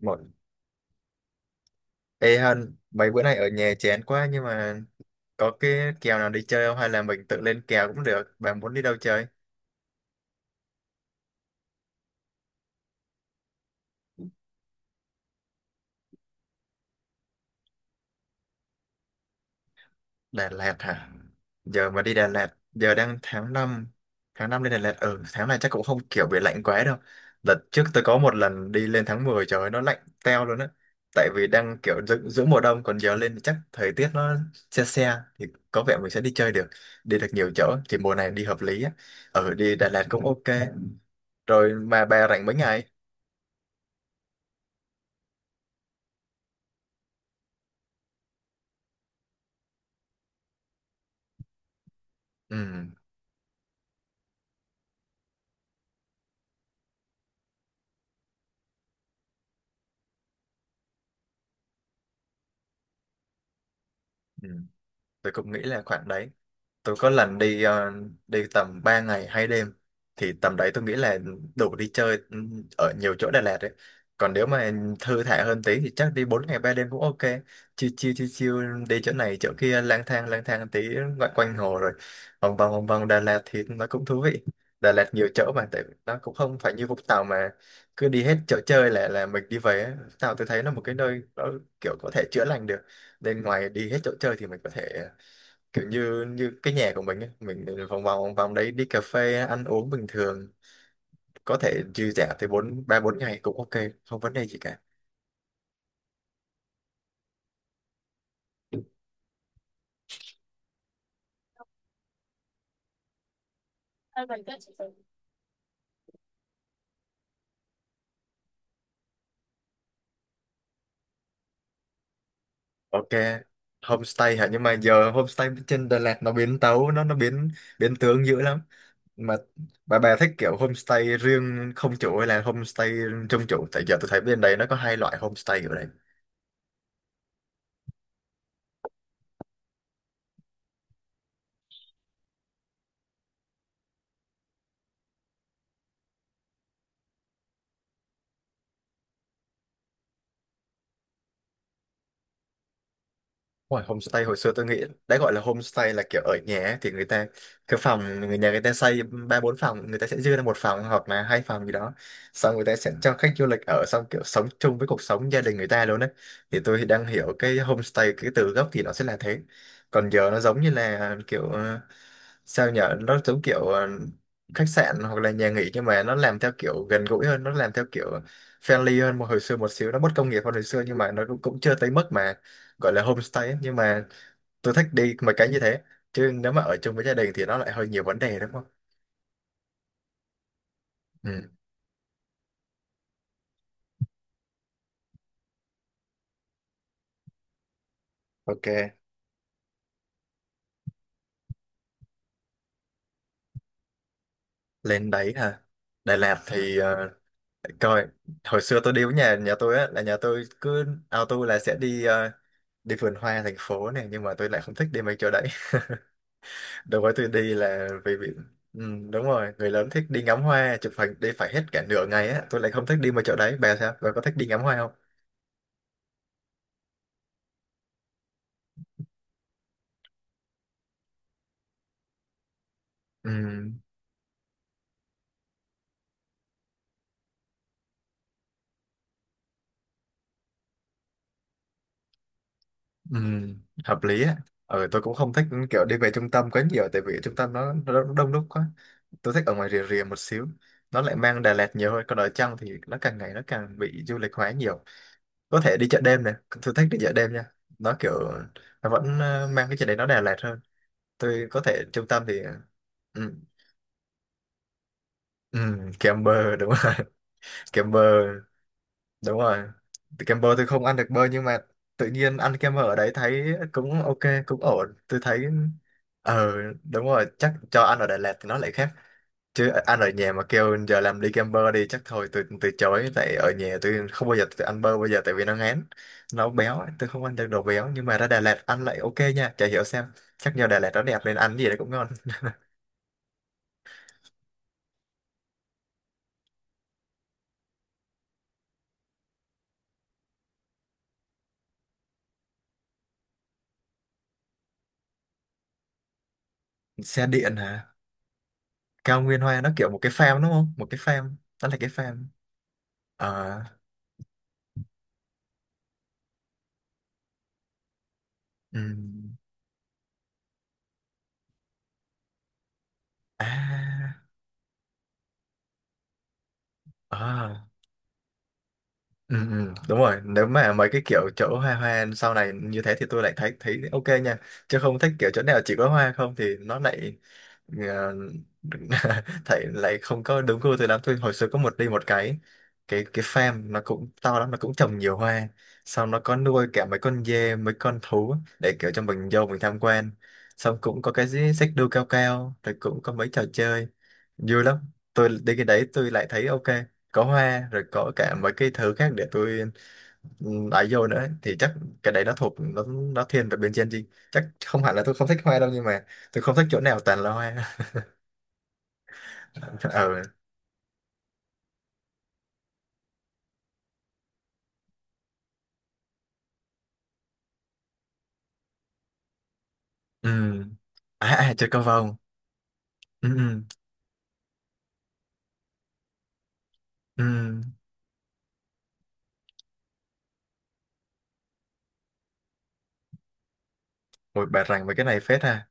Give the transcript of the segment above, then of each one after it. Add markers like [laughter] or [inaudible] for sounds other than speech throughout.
Một. Ê Hân, mấy bữa nay ở nhà chán quá nhưng mà có cái kèo nào đi chơi không hay là mình tự lên kèo cũng được. Bạn muốn đi đâu chơi? Đà Lạt hả? Giờ mà đi Đà Lạt, giờ đang tháng 5, tháng 5 lên Đà Lạt, ừ, tháng này chắc cũng không kiểu bị lạnh quá đâu. Đợt trước tôi có một lần đi lên tháng 10 trời ơi, nó lạnh teo luôn á. Tại vì đang kiểu giữa mùa đông còn giờ lên thì chắc thời tiết nó se se thì có vẻ mình sẽ đi chơi được, đi được nhiều chỗ thì mùa này đi hợp lý á. Ừ, đi Đà Lạt cũng ok. Rồi mà bà rảnh mấy ngày? Ừ, ừ. Tôi cũng nghĩ là khoảng đấy. Tôi có lần đi đi tầm 3 ngày 2 đêm thì tầm đấy tôi nghĩ là đủ đi chơi, ừ, ở nhiều chỗ Đà Lạt đấy. Còn nếu mà thư thả hơn tí thì chắc đi 4 ngày 3 đêm cũng ok, chill chill chill chill, đi chỗ này chỗ kia, lang thang tí, ngoại quanh hồ rồi vòng vòng vòng vòng Đà Lạt thì nó cũng thú vị. Đà Lạt nhiều chỗ mà tại nó cũng không phải như Vũng Tàu mà cứ đi hết chỗ chơi là mình đi về á. Vũng Tàu tôi thấy nó một cái nơi nó kiểu có thể chữa lành được nên ngoài đi hết chỗ chơi thì mình có thể kiểu như như cái nhà của mình ấy, mình vòng vòng vòng vòng đấy đi cà phê ăn uống bình thường, có thể dư giả tới bốn ba bốn ngày cũng ok, không vấn đề gì cả. Ok, homestay hả, nhưng mà giờ homestay trên Đà Lạt nó biến tấu, nó biến biến tướng dữ lắm. Mà bà thích kiểu homestay riêng không chủ hay là homestay trong chủ, tại giờ tôi thấy bên đây nó có hai loại homestay ở đây. Ngoài homestay hồi xưa tôi nghĩ đã gọi là homestay là kiểu ở nhà ấy, thì người ta cái phòng người nhà, người ta xây ba bốn phòng, người ta sẽ dư ra một phòng hoặc là hai phòng gì đó, xong người ta sẽ cho khách du lịch ở, xong kiểu sống chung với cuộc sống gia đình người ta luôn đấy. Thì tôi đang hiểu cái homestay cái từ gốc thì nó sẽ là thế. Còn giờ nó giống như là kiểu sao nhở, nó giống kiểu khách sạn hoặc là nhà nghỉ nhưng mà nó làm theo kiểu gần gũi hơn, nó làm theo kiểu friendly hơn một hồi xưa một xíu, nó bất công nghiệp hơn hồi xưa nhưng mà nó cũng, cũng chưa tới mức mà gọi là homestay ấy, nhưng mà tôi thích đi mấy cái như thế, chứ nếu mà ở chung với gia đình thì nó lại hơi nhiều vấn đề đúng không. Ừ. Ok, lên đấy hả, Đà Lạt thì để coi, hồi xưa tôi đi với nhà nhà tôi á, là nhà tôi cứ auto là sẽ đi đi vườn hoa thành phố này nhưng mà tôi lại không thích đi mấy chỗ đấy. [laughs] Đối với tôi đi là vì bị, ừ, đúng rồi, người lớn thích đi ngắm hoa chụp hình đi phải hết cả nửa ngày á, tôi lại không thích đi mấy chỗ đấy. Bà sao, bà có thích đi ngắm hoa không? Ừ. Ừ, hợp lý á. Ừ, tôi cũng không thích kiểu đi về trung tâm quá nhiều tại vì ở trung tâm nó đông đúc quá. Tôi thích ở ngoài rìa rìa một xíu. Nó lại mang Đà Lạt nhiều hơn. Còn ở trong thì nó càng ngày nó càng bị du lịch hóa nhiều. Có thể đi chợ đêm này. Tôi thích đi chợ đêm nha. Nó kiểu nó vẫn mang cái chợ đấy nó Đà Lạt hơn. Tôi có thể trung tâm thì, ừ, ừ, kem bơ đúng rồi. [laughs] Kem bơ đúng rồi. Thì kem bơ tôi không ăn được bơ nhưng mà tự nhiên ăn kem bơ ở đấy thấy cũng ok, cũng ổn tôi thấy. Ờ đúng rồi, chắc cho ăn ở Đà Lạt thì nó lại khác, chứ ăn ở nhà mà kêu giờ làm đi kem bơ đi chắc thôi tôi từ chối, tại ở nhà tôi không bao giờ tôi ăn bơ bây giờ tại vì nó ngán, nó béo ấy, tôi không ăn được đồ béo nhưng mà ra Đà Lạt ăn lại ok nha, chả hiểu sao, chắc nhờ Đà Lạt nó đẹp nên ăn gì đấy cũng ngon. Xe điện hả? Cao Nguyên Hoa nó kiểu một cái farm đúng không, một cái farm, nó là cái farm. Ờ, ừm. À, à, ừ, ừ, đúng rồi. Nếu mà mấy cái kiểu chỗ hoa hoa sau này như thế thì tôi lại thấy thấy ok nha. Chứ không thích kiểu chỗ nào chỉ có hoa không thì nó lại ờ, [laughs] thấy lại không có đúng gu tôi lắm. Tôi hồi xưa có một đi một cái farm nó cũng to lắm, nó cũng trồng nhiều hoa. Xong nó có nuôi cả mấy con dê, mấy con thú để kiểu cho mình vô mình tham quan. Xong cũng có cái xích đu cao cao, rồi cũng có mấy trò chơi vui lắm, tôi đi cái đấy tôi lại thấy ok, có hoa rồi có cả mấy cái thứ khác để tôi, ấy vô nữa thì chắc cái đấy nó thuộc nó thiên về bên Gen Z, chắc không hẳn là tôi không thích hoa đâu nhưng mà tôi không thích chỗ nào toàn là hoa. [laughs] Ừ, ừ, à, à chơi cầu vồng, ừ ừ ừ. Ôi, bà rằng về cái này phết ha,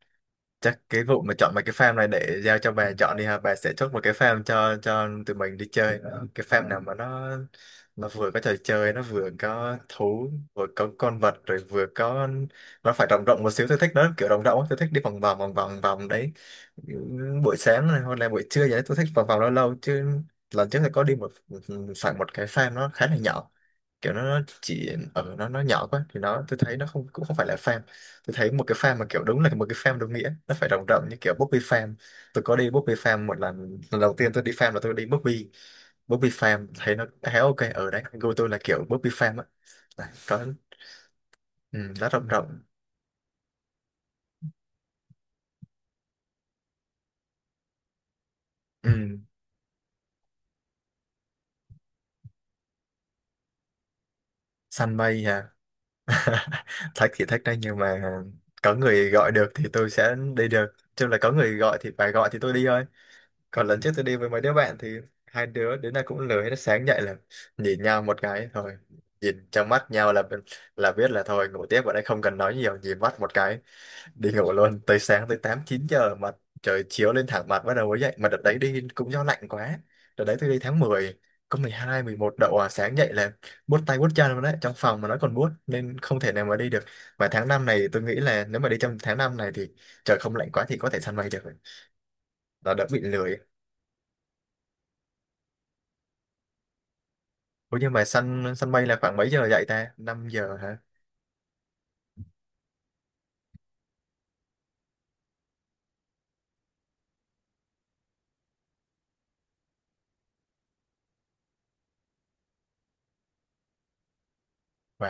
chắc cái vụ mà chọn mấy cái farm này để giao cho bà chọn đi ha, bà sẽ chốt một cái farm cho tụi mình đi chơi, cái farm nào mà nó vừa có trò chơi, nó vừa có thú, vừa có con vật, rồi vừa có, nó phải rộng rộng một xíu, tôi thích nó kiểu rộng rộng á. Tôi thích đi vòng vòng vòng vòng vòng đấy buổi sáng này hoặc là buổi trưa gì đấy, tôi thích vòng vòng lâu lâu. Chứ lần trước thì có đi một, phải một cái farm nó khá là nhỏ, kiểu nó chỉ ở, nó nhỏ quá thì nó tôi thấy nó không, cũng không phải là farm. Tôi thấy một cái farm mà kiểu đúng là một cái farm đúng nghĩa nó phải rộng rộng như kiểu Bobby Farm. Tôi có đi Bobby Farm một lần, lần đầu tiên tôi đi farm là tôi đi Bobby. Bobby Farm thấy nó khá ok, ở đấy gu tôi là kiểu Bobby Farm á. Đấy, có, ừ, nó rộng rộng. Ừ, săn mây à, [laughs] thách thì thách đấy nhưng mà có người gọi được thì tôi sẽ đi được, chứ là có người gọi thì phải gọi thì tôi đi thôi. Còn lần trước tôi đi với mấy đứa bạn thì hai đứa đến nay cũng lười hết, sáng dậy là nhìn nhau một cái thôi, nhìn trong mắt nhau là biết là thôi ngủ tiếp, ở đây không cần nói nhiều, nhìn mắt một cái đi ngủ luôn tới sáng, tới 8 9 giờ mà trời chiếu lên thẳng mặt bắt đầu mới dậy, mà đợt đấy đi cũng do lạnh quá. Đợt đấy tôi đi tháng 10, có 12 11 độ à, sáng dậy là buốt tay buốt chân luôn đấy, trong phòng mà nó còn buốt nên không thể nào mà đi được. Và tháng 5 này tôi nghĩ là nếu mà đi trong tháng 5 này thì trời không lạnh quá thì có thể săn bay được, nó đỡ bị lười. Ủa nhưng mà săn săn mây là khoảng mấy giờ dậy ta? 5 giờ hả? Và,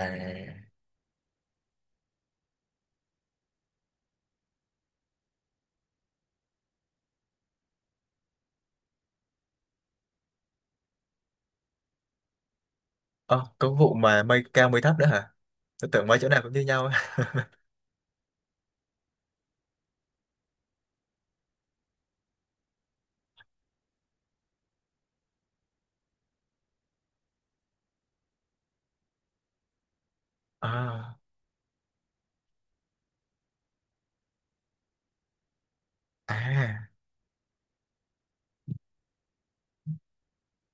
ơ, có vụ mà mây cao mây thấp nữa hả? Tôi tưởng mấy chỗ nào cũng như nhau. [laughs] À. À.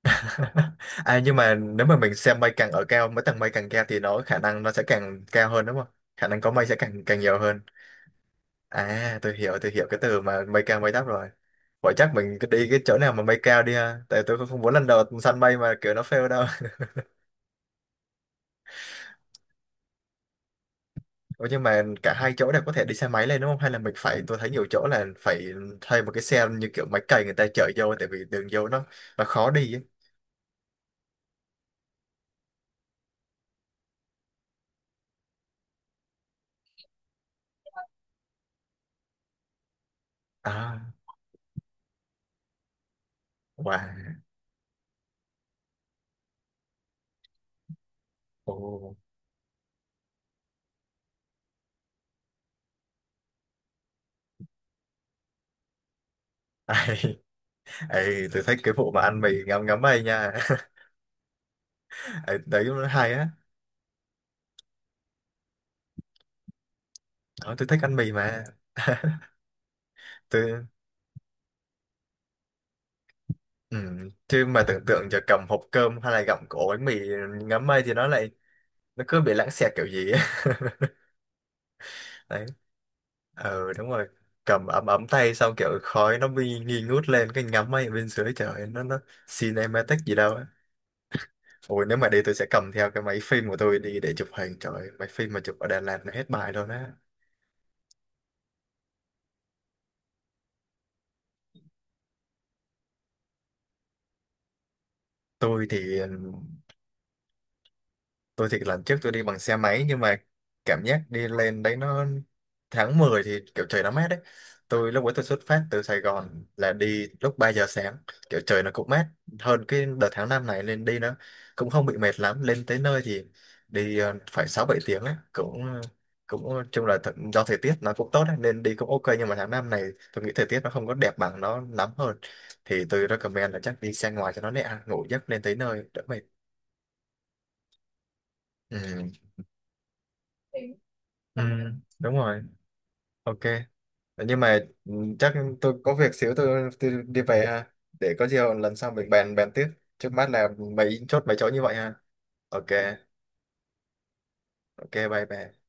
[laughs] À, nhưng mà nếu mà mình xem mây càng ở cao, mấy tầng mây càng cao thì nó khả năng nó sẽ càng cao hơn đúng không? Khả năng có mây sẽ càng càng nhiều hơn. À, tôi hiểu cái từ mà mây cao mây thấp rồi. Vậy chắc mình cứ đi cái chỗ nào mà mây cao đi ha. Tại tôi cũng không muốn lần đầu săn mây mà kiểu nó fail đâu. Ủa nhưng mà cả hai chỗ đều có thể đi xe máy lên đúng không? Hay là mình phải, tôi thấy nhiều chỗ là phải thuê một cái xe như kiểu máy cày người ta chở vô tại vì đường vô nó khó đi ấy. À, wow. Ồ. [laughs] Ai, ai, tôi thích cái vụ mà ăn mì ngấm ngấm ấy nha. [laughs] Ấy, đấy nó hay á. Đó, tôi thích ăn mì mà. Tôi, ừ. Chứ mà tưởng tượng giờ cầm hộp cơm hay là gặm cổ bánh mì ngấm mây thì nó lại nó cứ bị lãng xẹt kiểu gì. [laughs] Đấy, ừ đúng rồi, cầm ấm ấm tay xong kiểu khói nó bị nghi ngút lên cái ngắm máy ở bên dưới trời ơi, nó cinematic gì đâu á. Ôi nếu mà đi tôi sẽ cầm theo cái máy phim của tôi đi để chụp hình, trời ơi, máy phim mà chụp ở Đà Lạt là hết bài luôn á. Tôi thì tôi thì lần trước tôi đi bằng xe máy nhưng mà cảm giác đi lên đấy nó, tháng 10 thì kiểu trời nó mát đấy, tôi lúc ấy tôi xuất phát từ Sài Gòn là đi lúc 3 giờ sáng, kiểu trời nó cũng mát hơn cái đợt tháng 5 này lên đi, nó cũng không bị mệt lắm, lên tới nơi thì đi phải 6 7 tiếng ấy, cũng cũng chung là th- do thời tiết nó cũng tốt ấy, nên đi cũng ok nhưng mà tháng 5 này tôi nghĩ thời tiết nó không có đẹp bằng, nó lắm hơn thì tôi recommend là chắc đi xe ngoài cho nó nhẹ ngủ giấc lên tới nơi đỡ mệt. Ừ. Ừ, đúng rồi, ok nhưng mà ừ, chắc tôi có việc xíu tôi đi về ha, để có gì lần sau mình bàn bàn tiếp, trước mắt là mấy chốt mấy chỗ như vậy ha. Ok ok bye bye.